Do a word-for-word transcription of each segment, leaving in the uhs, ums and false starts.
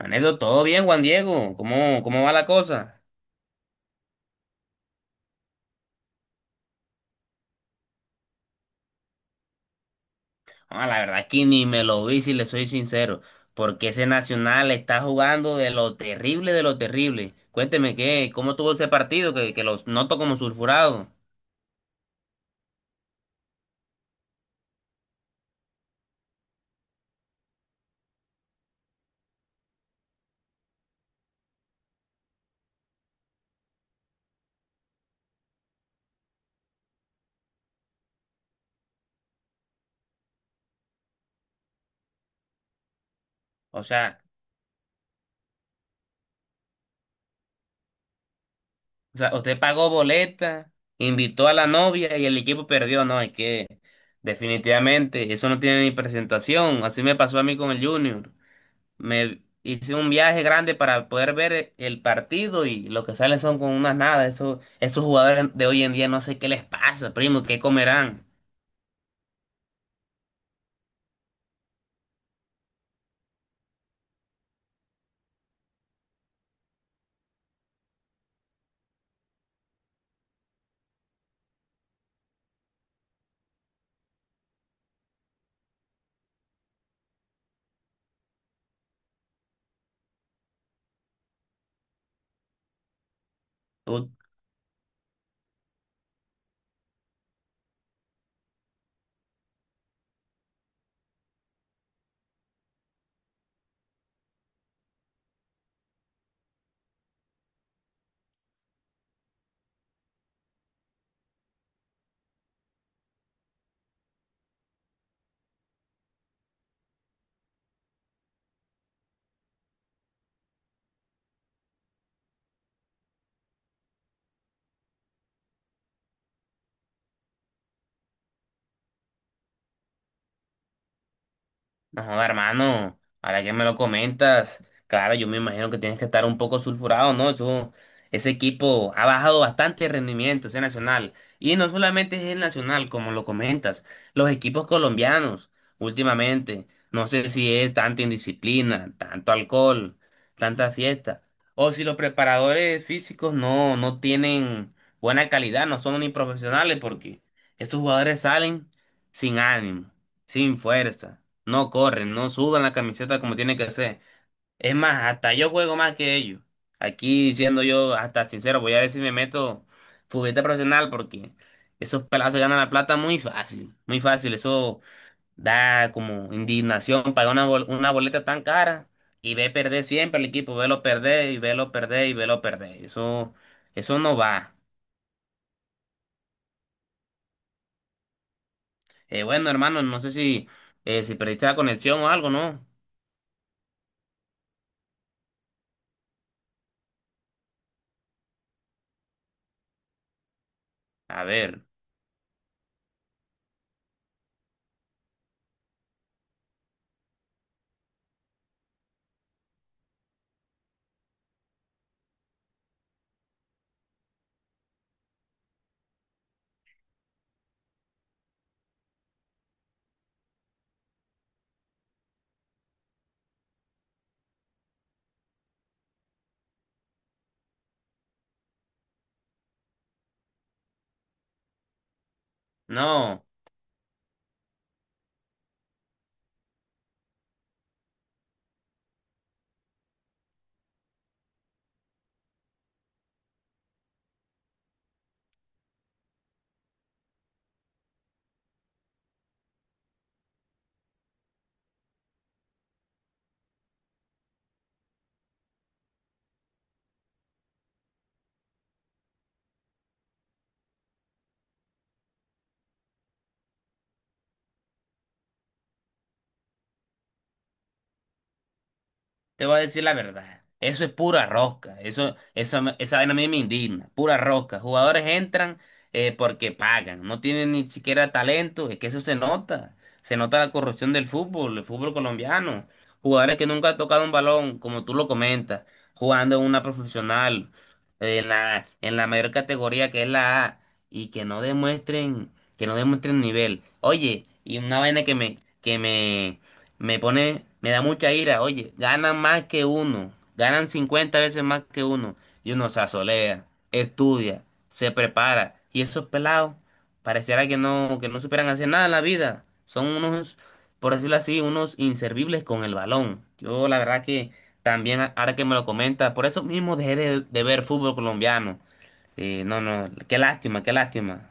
Manito, todo bien, Juan Diego. ¿Cómo, cómo va la cosa? Ah, la verdad es que ni me lo vi, si le soy sincero, porque ese Nacional está jugando de lo terrible, de lo terrible. Cuénteme qué, cómo tuvo ese partido que, que los noto como sulfurado. O sea, o sea, usted pagó boleta, invitó a la novia y el equipo perdió. No, es que definitivamente eso no tiene ni presentación. Así me pasó a mí con el Junior. Me hice un viaje grande para poder ver el partido y lo que salen son con unas nada. Eso, esos jugadores de hoy en día no sé qué les pasa, primo, qué comerán. No, joda, hermano, ahora que me lo comentas, claro, yo me imagino que tienes que estar un poco sulfurado, ¿no? Tú- ese equipo ha bajado bastante el rendimiento, ese Nacional. Y no solamente es el Nacional, como lo comentas, los equipos colombianos últimamente, no sé si es tanta indisciplina, tanto alcohol, tanta fiesta, o si los preparadores físicos no, no tienen buena calidad, no son ni profesionales, porque estos jugadores salen sin ánimo, sin fuerza, no corren, no sudan la camiseta como tiene que ser. Es más, hasta yo juego más que ellos. Aquí siendo yo hasta sincero, voy a ver si me meto futbolista profesional porque esos pelazos ganan la plata muy fácil, muy fácil. Eso da como indignación pagar una, bol- una boleta tan cara y ve perder siempre el equipo, velo perder y velo perder y velo perder. Eso, eso no va. Eh, bueno, hermano, no sé si, eh, si perdiste la conexión o algo, ¿no? A ver, no. Te voy a decir la verdad. Eso es pura rosca. Eso, eso, me- esa vaina a mí me indigna. Pura rosca. Jugadores entran eh, porque pagan. No tienen ni siquiera talento. Es que eso se nota. Se nota la corrupción del fútbol, el fútbol colombiano. Jugadores que nunca han tocado un balón, como tú lo comentas, jugando en una profesional, eh, en la, en la mayor categoría que es la A, y que no demuestren, que no demuestren nivel. Oye, y una vaina que me, que me me pone, me da mucha ira, oye, ganan más que uno, ganan cincuenta veces más que uno, y uno se asolea, estudia, se prepara, y esos pelados pareciera que no, que no superan hacer nada en la vida, son unos, por decirlo así, unos inservibles con el balón. Yo la verdad que también, a- ahora que me lo comenta, por eso mismo dejé de, de ver fútbol colombiano. Eh, no, no, qué lástima, qué lástima.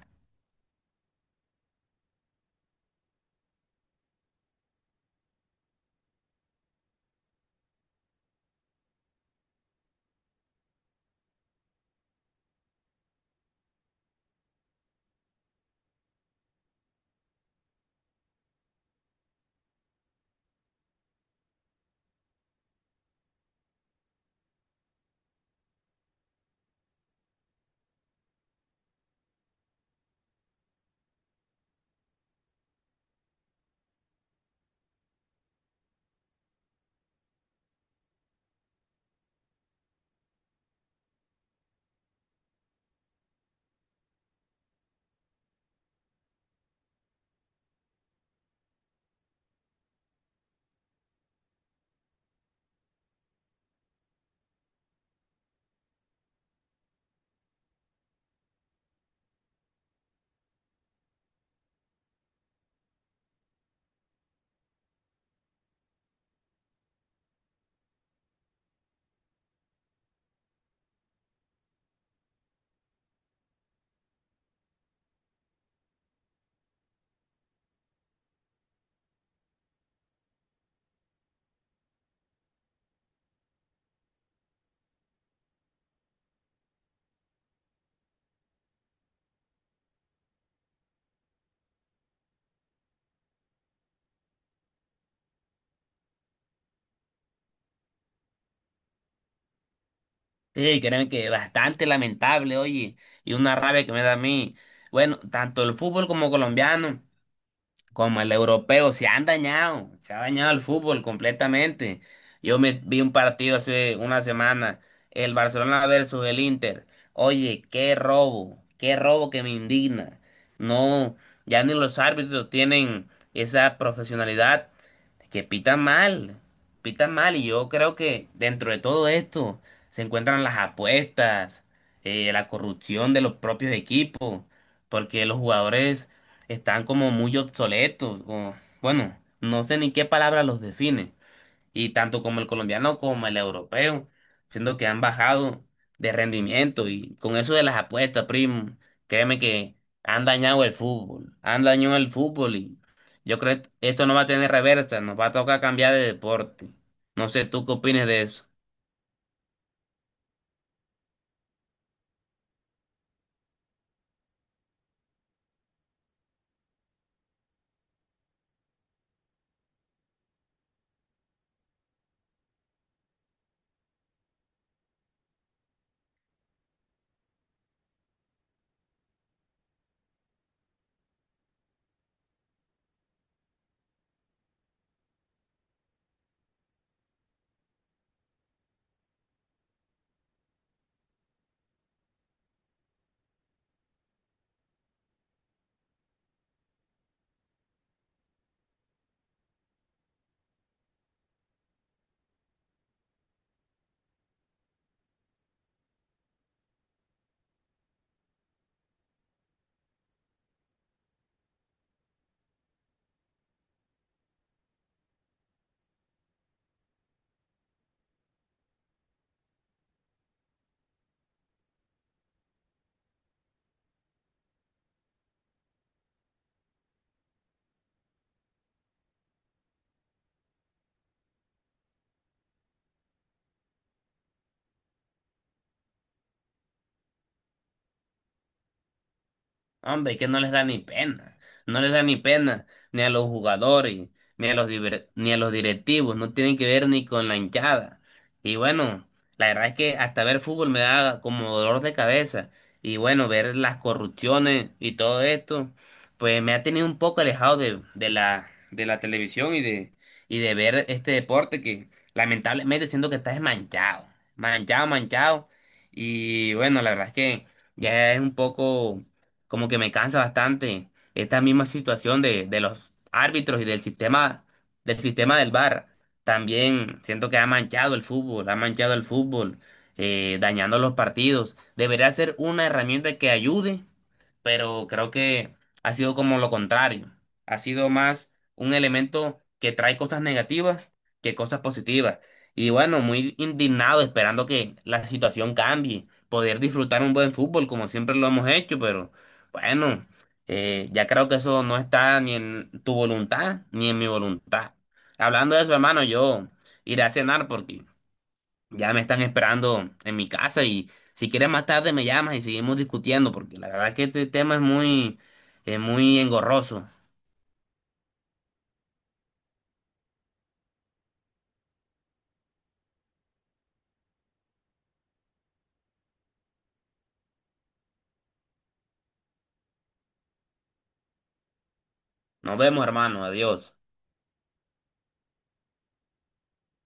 Sí, créeme que bastante lamentable, oye, y una rabia que me da a mí. Bueno, tanto el fútbol como colombiano, como el europeo, se han dañado, se ha dañado el fútbol completamente. Yo me vi un partido hace una semana, el Barcelona versus el Inter. Oye, qué robo, qué robo que me indigna. No, ya ni los árbitros tienen esa profesionalidad, es que pitan mal, pitan mal y yo creo que dentro de todo esto se encuentran las apuestas, eh, la corrupción de los propios equipos, porque los jugadores están como muy obsoletos, o bueno, no sé ni qué palabra los define y tanto como el colombiano como el europeo, siendo que han bajado de rendimiento y con eso de las apuestas, primo, créeme que han dañado el fútbol, han dañado el fútbol y yo creo que esto no va a tener reversa, nos va a tocar cambiar de deporte. No sé, ¿tú qué opinas de eso? Hombre, es que no les da ni pena, no les da ni pena, ni a los jugadores, ni a los, diver- ni a los directivos, no tienen que ver ni con la hinchada. Y bueno, la verdad es que hasta ver fútbol me da como dolor de cabeza. Y bueno, ver las corrupciones y todo esto, pues me ha tenido un poco alejado de, de la, de la televisión y de, y de ver este deporte que lamentablemente siento que está desmanchado, manchado, manchado. Y bueno, la verdad es que ya es un poco como que me cansa bastante esta misma situación de, de los árbitros y del sistema, del sistema del VAR. También siento que ha manchado el fútbol, ha manchado el fútbol, eh, dañando los partidos. Debería ser una herramienta que ayude, pero creo que ha sido como lo contrario. Ha sido más un elemento que trae cosas negativas que cosas positivas. Y bueno, muy indignado esperando que la situación cambie, poder disfrutar un buen fútbol como siempre lo hemos hecho, pero bueno, eh, ya creo que eso no está ni en tu voluntad ni en mi voluntad. Hablando de eso, hermano, yo iré a cenar porque ya me están esperando en mi casa y si quieres más tarde me llamas y seguimos discutiendo porque la verdad que este tema es muy, es muy engorroso. Nos vemos, hermano. Adiós.